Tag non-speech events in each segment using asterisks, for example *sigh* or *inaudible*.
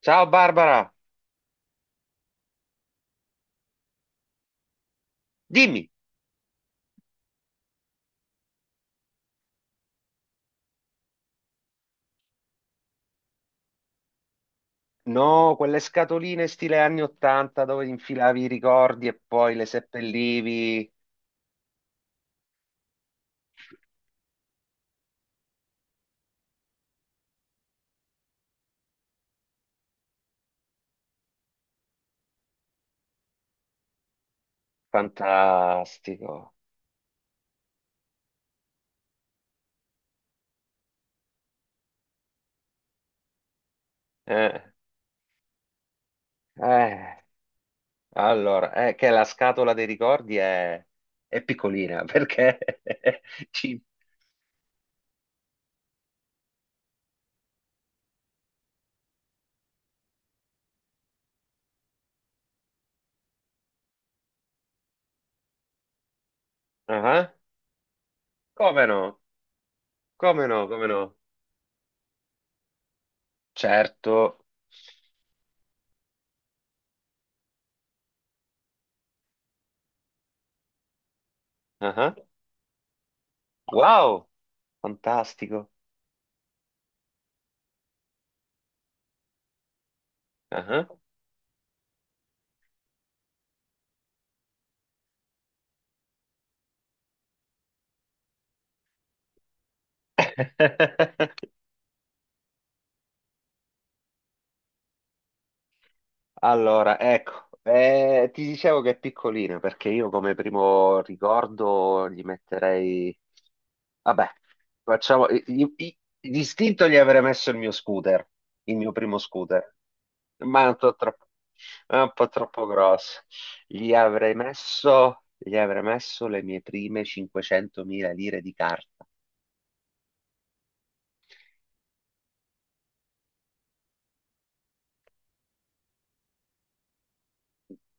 Ciao Barbara, dimmi. No, quelle scatoline stile anni 80 dove infilavi i ricordi e poi le seppellivi. Fantastico. Eh, eh, Allora, è che la scatola dei ricordi è piccolina perché *laughs* ci... Ah, come no? Come no? Come no? Certo. Ah, wow, fantastico. Ah. *laughs* Allora, ecco, ti dicevo che è piccolino perché io come primo ricordo gli metterei... Vabbè, facciamo... D'istinto gli avrei messo il mio scooter, il mio primo scooter, ma è un po' troppo, è un po' troppo grosso. Gli avrei messo le mie prime 500.000 lire di carta.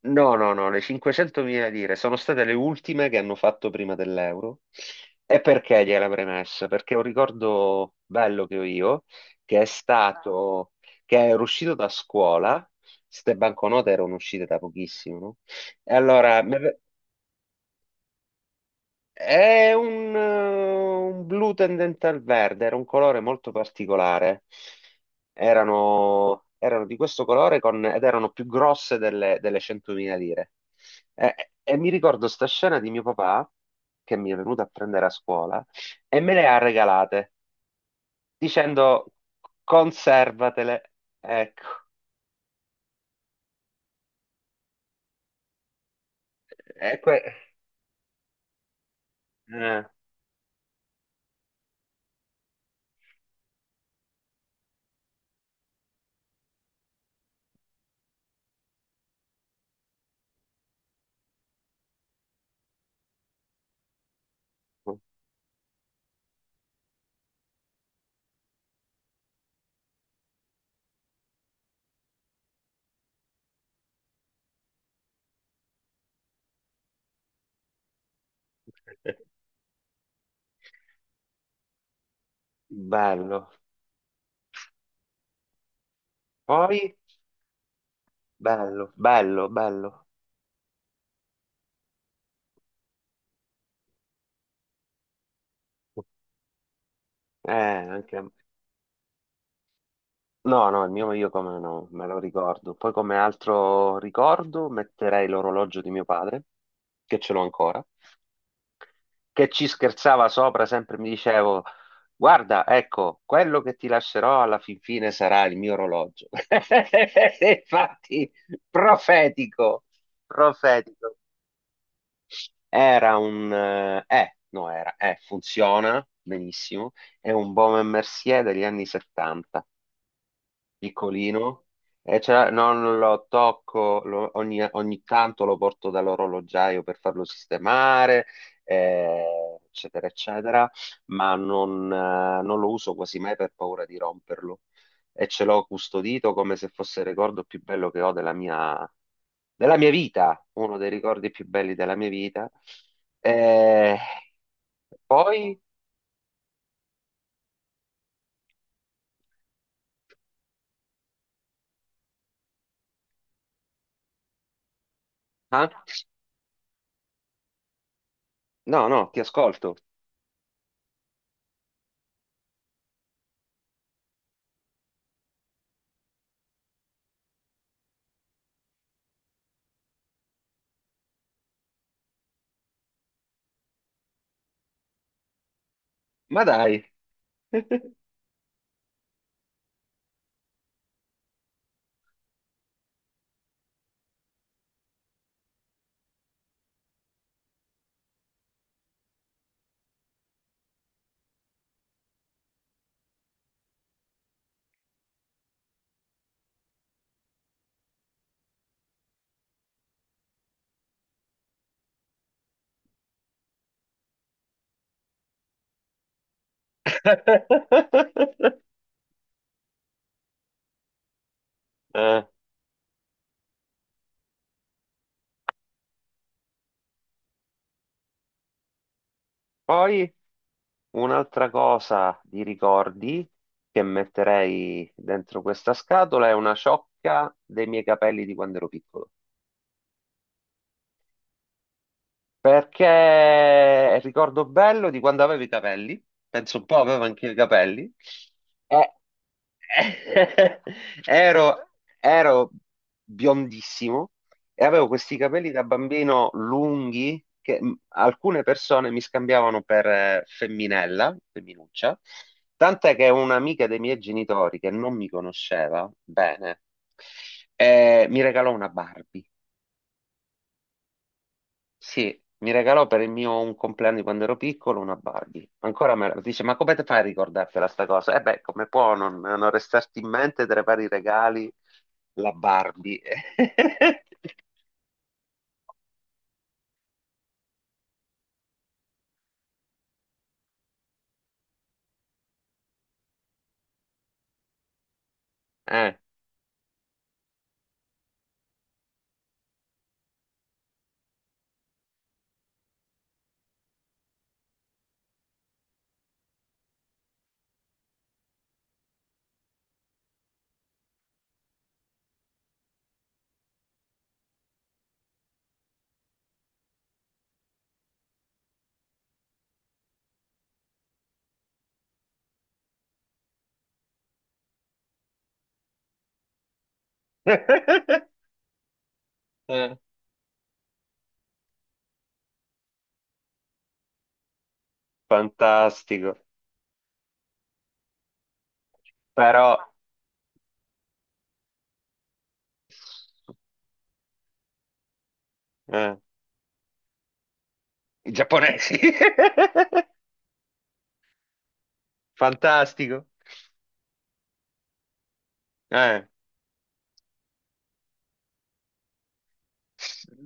No, no, no, le 500.000 lire sono state le ultime che hanno fatto prima dell'euro. E perché gliela avrei messa? Perché è un ricordo bello che ho io, che è stato, che ero uscito da scuola, queste banconote erano uscite da pochissimo, no? E allora è un blu tendente al verde, era un colore molto particolare. Erano di questo colore, ed erano più grosse delle 100.000 lire. E mi ricordo sta scena di mio papà che mi è venuto a prendere a scuola e me le ha regalate dicendo conservatele. Ecco. E que- eh. *laughs* Bello. Poi, bello, bello, bello. Anche... No, no, il mio io come no, me lo ricordo. Poi come altro ricordo metterei l'orologio di mio padre, che ce l'ho ancora, che ci scherzava sopra, sempre mi dicevo, guarda, ecco, quello che ti lascerò alla fin fine sarà il mio orologio. *laughs* Infatti, profetico, profetico. Era un... No, funziona benissimo, è un Baume Mercier degli anni 70. Piccolino. No, non lo tocco, ogni tanto lo porto dall'orologiaio per farlo sistemare, eccetera, eccetera, ma non lo uso quasi mai per paura di romperlo. E ce l'ho custodito come se fosse il ricordo più bello che ho della mia vita, uno dei ricordi più belli della mia vita. Eh, poi, ah, no, no, ti ascolto. Ma dai. *laughs* *laughs* Eh, poi un'altra cosa di ricordi che metterei dentro questa scatola è una ciocca dei miei capelli di quando ero piccolo. Perché è il ricordo bello di quando avevo i capelli, penso un po' avevo anche i capelli. *laughs* Ero, ero biondissimo e avevo questi capelli da bambino lunghi che alcune persone mi scambiavano per femminella, femminuccia, tant'è che un'amica dei miei genitori che non mi conosceva bene mi regalò una Barbie. Sì, mi regalò per il mio un compleanno di quando ero piccolo una Barbie. Ancora me la dice, ma come te fai a ricordartela sta cosa? E beh, come può non restarti in mente tra i vari regali la Barbie? *laughs* Eh. *laughs* Eh. Fantastico. Però, eh, i giapponesi. *laughs* Fantastico. Eh.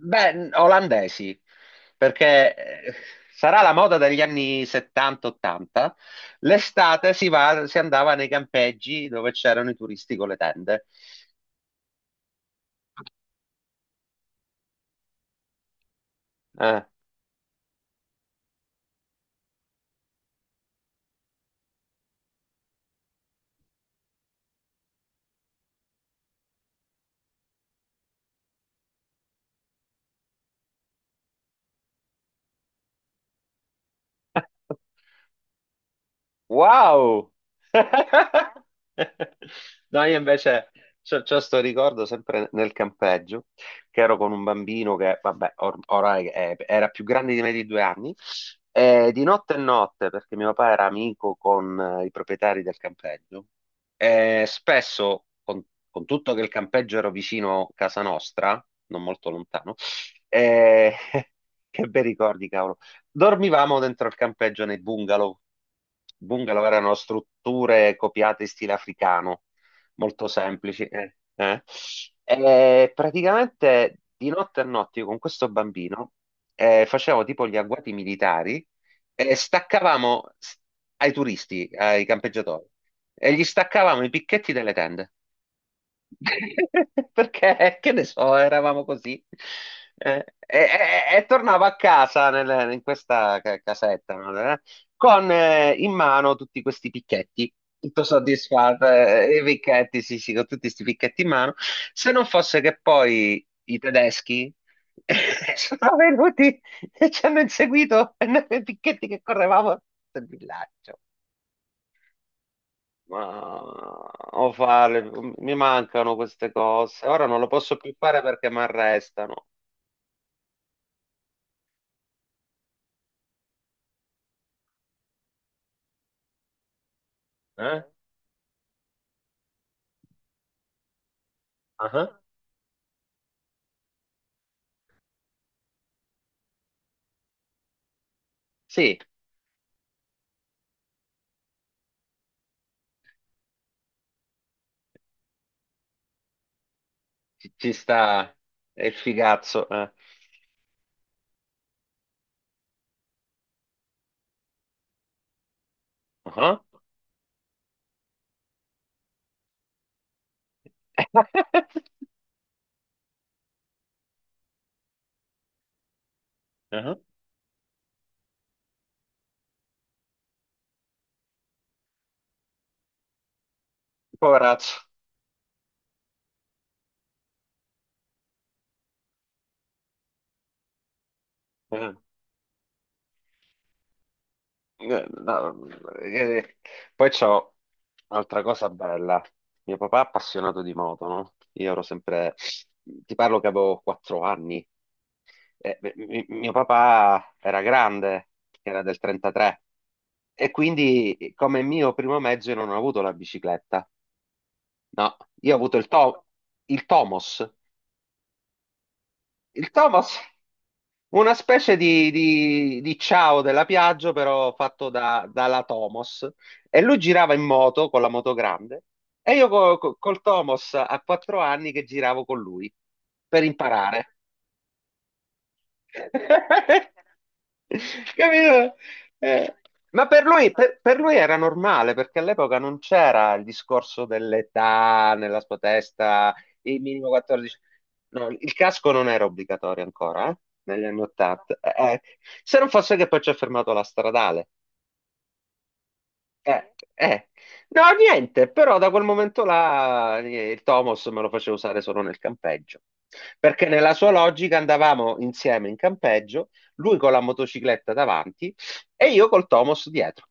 Beh, olandesi, perché eh, sarà la moda degli anni 70-80. L'estate si andava nei campeggi dove c'erano i turisti con le tende. Eh. *laughs* Wow! *laughs* No, io invece c'ho sto ricordo sempre nel campeggio, che ero con un bambino che, vabbè, orai era più grande di me di 2 anni, e di notte e notte, perché mio papà era amico con i proprietari del campeggio, e spesso, con tutto che il campeggio era vicino a casa nostra, non molto lontano, eh, *laughs* che bei ricordi, dormivamo dentro il campeggio nei bungalow. Bungalow erano strutture copiate in stile africano, molto semplici. E praticamente di notte a notte io con questo bambino facevo tipo gli agguati militari e ai turisti, ai campeggiatori, e gli staccavamo i picchetti delle tende. *laughs* Perché, che ne so, eravamo così. Eh, e, e tornavo a casa, in questa casetta, no? Con in mano tutti questi picchetti, tutto soddisfatto, i picchetti, sì, sì, con tutti questi picchetti in mano. Se non fosse che poi i tedeschi *laughs* sono venuti e ci hanno inseguito e noi con i picchetti che correvamo nel villaggio. Ma o farle, mi mancano queste cose. Ora non lo posso più fare perché mi arrestano. Eh? Ah. Sì, ci sta, è il figazzo. Ah. *laughs* Ah. Poverazzo. Eh. No, eh, poi c'ho un'altra cosa bella. Mio papà è appassionato di moto, no? Io ero sempre... Ti parlo che avevo 4 anni. Beh, mio papà era grande, era del 33, e quindi come mio primo mezzo io non ho avuto la bicicletta. No, io ho avuto il Tomos. Il Thomas, una specie di ciao della Piaggio, però fatto dalla Tomos. E lui girava in moto con la moto grande e io col Tomos a 4 anni che giravo con lui per imparare. *laughs* Capito? Eh, Ma per lui, per lui era normale perché all'epoca non c'era il discorso dell'età nella sua testa, il minimo 14. No, il casco non era obbligatorio ancora, negli anni 80. Se non fosse che poi ci ha fermato la stradale. Eh, eh. No, niente, però da quel momento là il Tomos me lo faceva usare solo nel campeggio, perché nella sua logica andavamo insieme in campeggio, lui con la motocicletta davanti e io col Tomos dietro,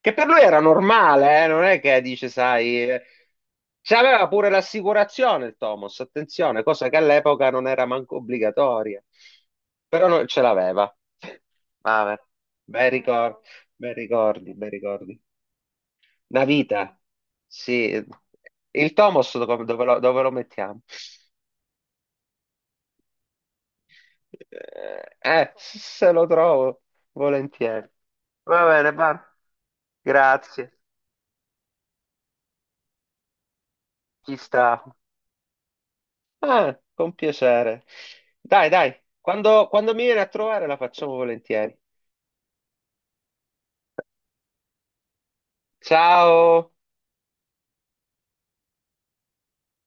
che per lui era normale, non è che dice, sai, c'aveva pure l'assicurazione il Tomos, attenzione, cosa che all'epoca non era manco obbligatoria, però non ce l'aveva. *laughs* Vabbè, bei ricordi, bei ricordi, bei ricordi. Una vita, sì. Il Tomos dove lo mettiamo? Se lo trovo, volentieri. Va bene, va. Grazie. Ci sta. Ah, con piacere. Dai, dai, quando mi viene a trovare la facciamo volentieri. Ciao.